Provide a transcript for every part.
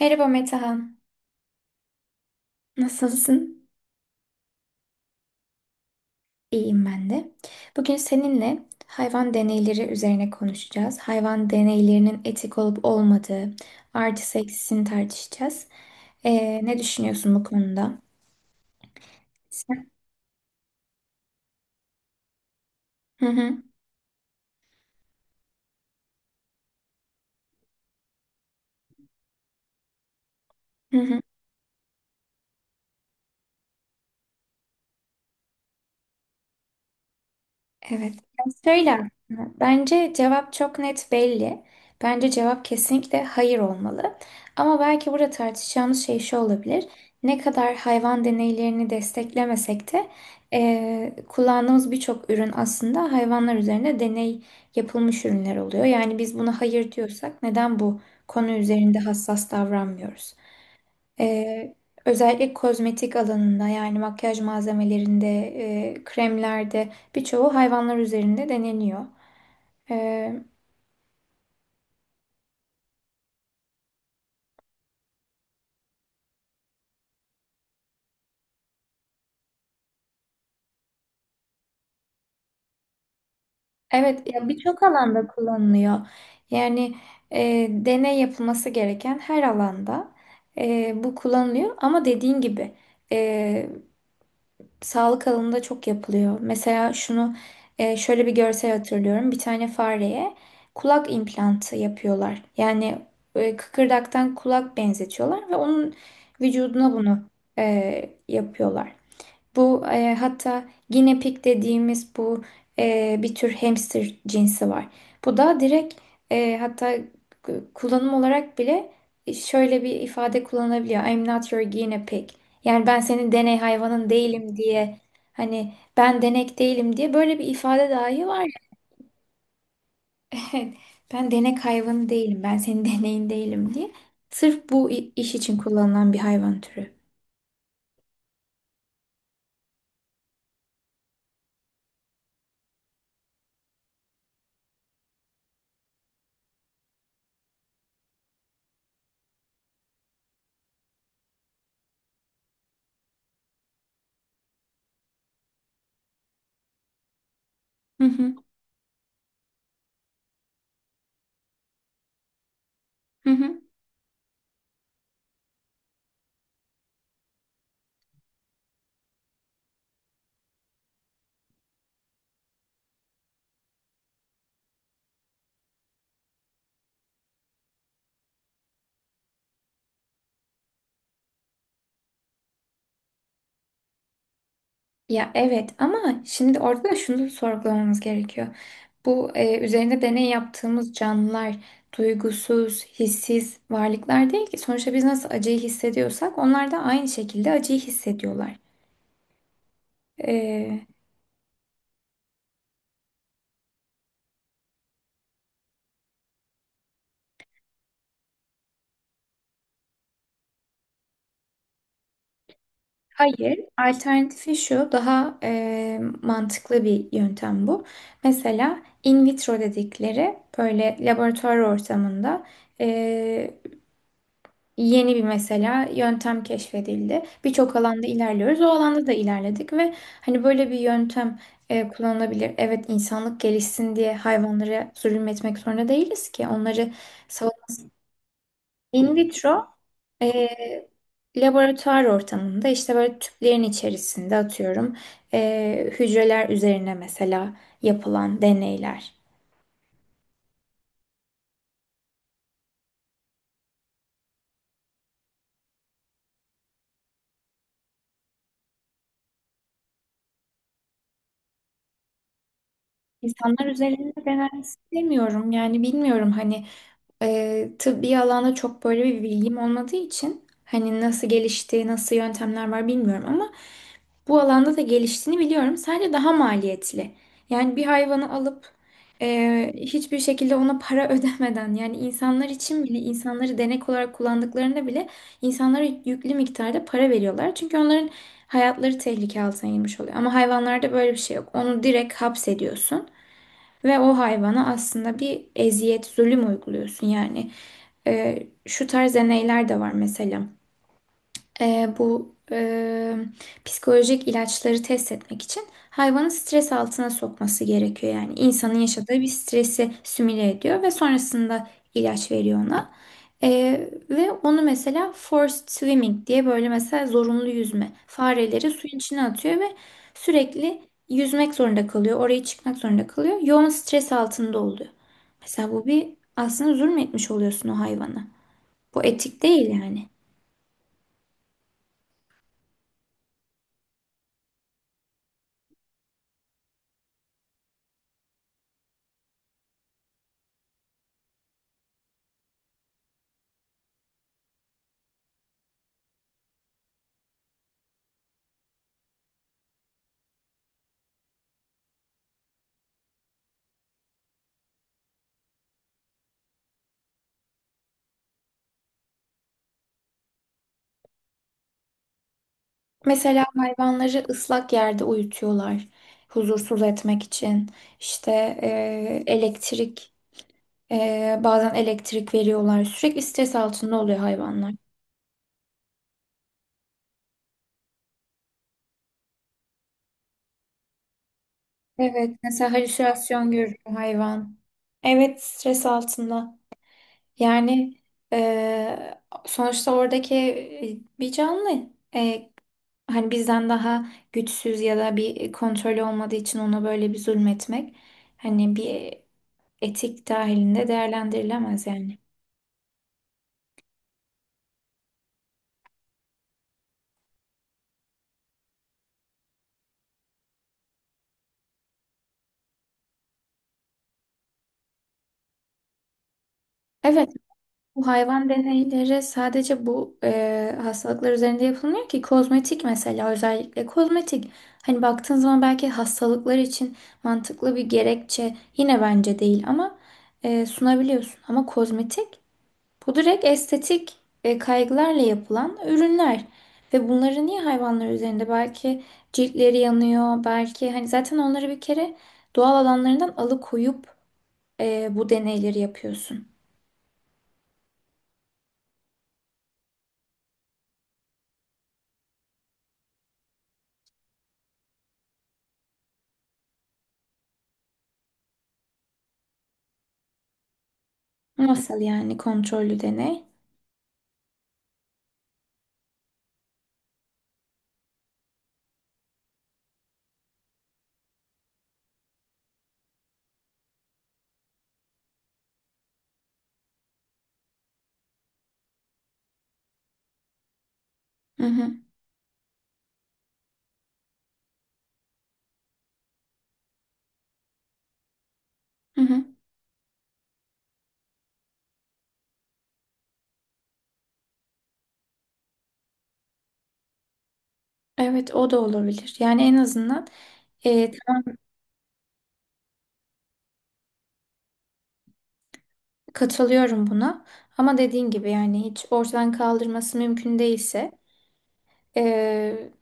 Merhaba Metehan. Nasılsın? İyiyim ben de. Bugün seninle hayvan deneyleri üzerine konuşacağız. Hayvan deneylerinin etik olup olmadığı, artı eksisini tartışacağız. Ne düşünüyorsun bu konuda? Sen? Hı hı. Hı hı. Evet. Ya şöyle aslında, bence cevap çok net belli. Bence cevap kesinlikle hayır olmalı. Ama belki burada tartışacağımız şey şu olabilir. Ne kadar hayvan deneylerini desteklemesek de kullandığımız birçok ürün aslında hayvanlar üzerine deney yapılmış ürünler oluyor. Yani biz buna hayır diyorsak neden bu konu üzerinde hassas davranmıyoruz? Ee, Özellikle kozmetik alanında yani makyaj malzemelerinde, kremlerde birçoğu hayvanlar üzerinde deneniyor. Ee, evet ya birçok alanda kullanılıyor. Yani deney yapılması gereken her alanda bu kullanılıyor. Ama dediğin gibi sağlık alanında çok yapılıyor. Mesela şunu şöyle bir görsel hatırlıyorum. Bir tane fareye kulak implantı yapıyorlar. Yani kıkırdaktan kulak benzetiyorlar ve onun vücuduna bunu yapıyorlar. Bu hatta guinea pig dediğimiz bu bir tür hamster cinsi var. Bu da direkt hatta kullanım olarak bile şöyle bir ifade kullanılabiliyor. I'm not your guinea pig. Yani ben senin deney hayvanın değilim diye hani ben denek değilim diye böyle bir ifade dahi var ya. Evet, ben denek hayvanı değilim. Ben senin deneyin değilim diye. Sırf bu iş için kullanılan bir hayvan türü. Hı hı, hı hı. Ya evet ama şimdi orada da şunu sorgulamamız gerekiyor. Bu üzerinde deney yaptığımız canlılar duygusuz, hissiz varlıklar değil ki. Sonuçta biz nasıl acıyı hissediyorsak onlar da aynı şekilde acıyı hissediyorlar. E, Hayır, alternatifi şu daha mantıklı bir yöntem bu. Mesela in vitro dedikleri böyle laboratuvar ortamında e, yeni bir mesela yöntem keşfedildi. Birçok alanda ilerliyoruz. O alanda da ilerledik ve hani böyle bir yöntem kullanılabilir. Evet insanlık gelişsin diye hayvanlara zulüm etmek zorunda değiliz ki. Onları savun. In vitro ee, laboratuvar ortamında işte böyle tüplerin içerisinde atıyorum hücreler üzerine mesela yapılan deneyler. İnsanlar üzerinde denemek istemiyorum yani bilmiyorum hani tıbbi alanda çok böyle bir bilgim olmadığı için hani nasıl gelişti, nasıl yöntemler var bilmiyorum ama bu alanda da geliştiğini biliyorum. Sadece daha maliyetli. Yani bir hayvanı alıp hiçbir şekilde ona para ödemeden yani insanlar için bile insanları denek olarak kullandıklarında bile insanlara yüklü miktarda para veriyorlar. Çünkü onların hayatları tehlike altına girmiş oluyor. Ama hayvanlarda böyle bir şey yok. Onu direkt hapsediyorsun. Ve o hayvana aslında bir eziyet, zulüm uyguluyorsun yani. Şu tarz deneyler de var mesela bu psikolojik ilaçları test etmek için hayvanı stres altına sokması gerekiyor. Yani insanın yaşadığı bir stresi simüle ediyor ve sonrasında ilaç veriyor ona. E, Ve onu mesela forced swimming diye böyle mesela zorunlu yüzme. Fareleri suyun içine atıyor ve sürekli yüzmek zorunda kalıyor. Oraya çıkmak zorunda kalıyor. Yoğun stres altında oluyor. Mesela bu bir aslında zulmetmiş oluyorsun o hayvana. Bu etik değil yani. Mesela hayvanları ıslak yerde uyutuyorlar huzursuz etmek için. İşte elektrik, bazen elektrik veriyorlar. Sürekli stres altında oluyor hayvanlar. Evet, mesela halüsinasyon görür hayvan. Evet, stres altında. Yani sonuçta oradaki bir canlı. E, Hani bizden daha güçsüz ya da bir kontrolü olmadığı için ona böyle bir zulmetmek. Hani bir etik dahilinde değerlendirilemez yani. Evet, bu hayvan deneyleri sadece bu hastalıklar üzerinde yapılmıyor ki kozmetik mesela özellikle kozmetik. Hani baktığın zaman belki hastalıklar için mantıklı bir gerekçe yine bence değil ama sunabiliyorsun. Ama kozmetik bu direkt estetik kaygılarla yapılan ürünler. Ve bunları niye hayvanlar üzerinde? Belki ciltleri yanıyor, belki hani zaten onları bir kere doğal alanlarından alıkoyup bu deneyleri yapıyorsun. Nasıl yani kontrollü deney? Hı hı, hı hı. Evet, o da olabilir. Yani en azından tamam, katılıyorum buna. Ama dediğin gibi yani hiç ortadan kaldırması mümkün değilse e,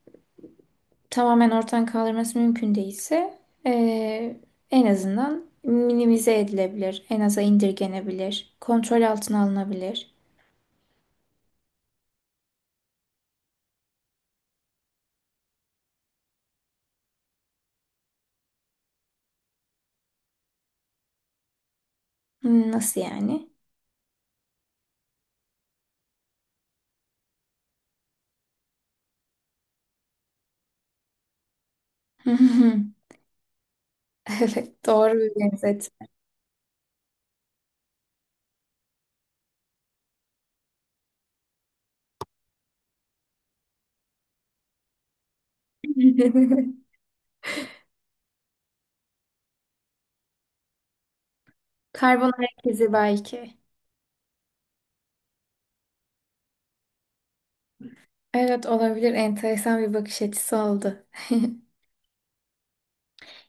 tamamen ortadan kaldırması mümkün değilse e, en azından minimize edilebilir. En aza indirgenebilir. Kontrol altına alınabilir. Hmm, nasıl yani? Evet, doğru bir benzet. Karbon ayak izi belki. Evet, olabilir. Enteresan bir bakış açısı oldu.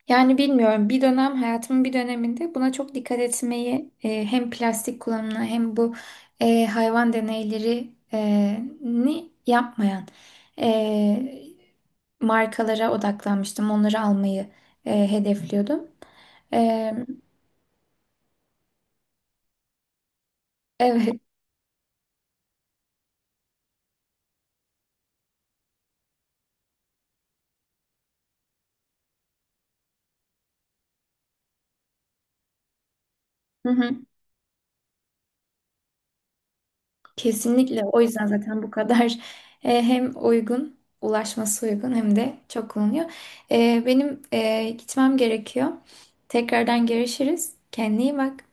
Yani bilmiyorum bir dönem hayatımın bir döneminde buna çok dikkat etmeyi hem plastik kullanımına hem bu hayvan deneyleri ni yapmayan e, markalara odaklanmıştım. Onları almayı hedefliyordum. E, evet. Kesinlikle. O yüzden zaten bu kadar hem uygun, ulaşması uygun hem de çok kullanılıyor. Benim gitmem gerekiyor. Tekrardan görüşürüz. Kendine iyi bak.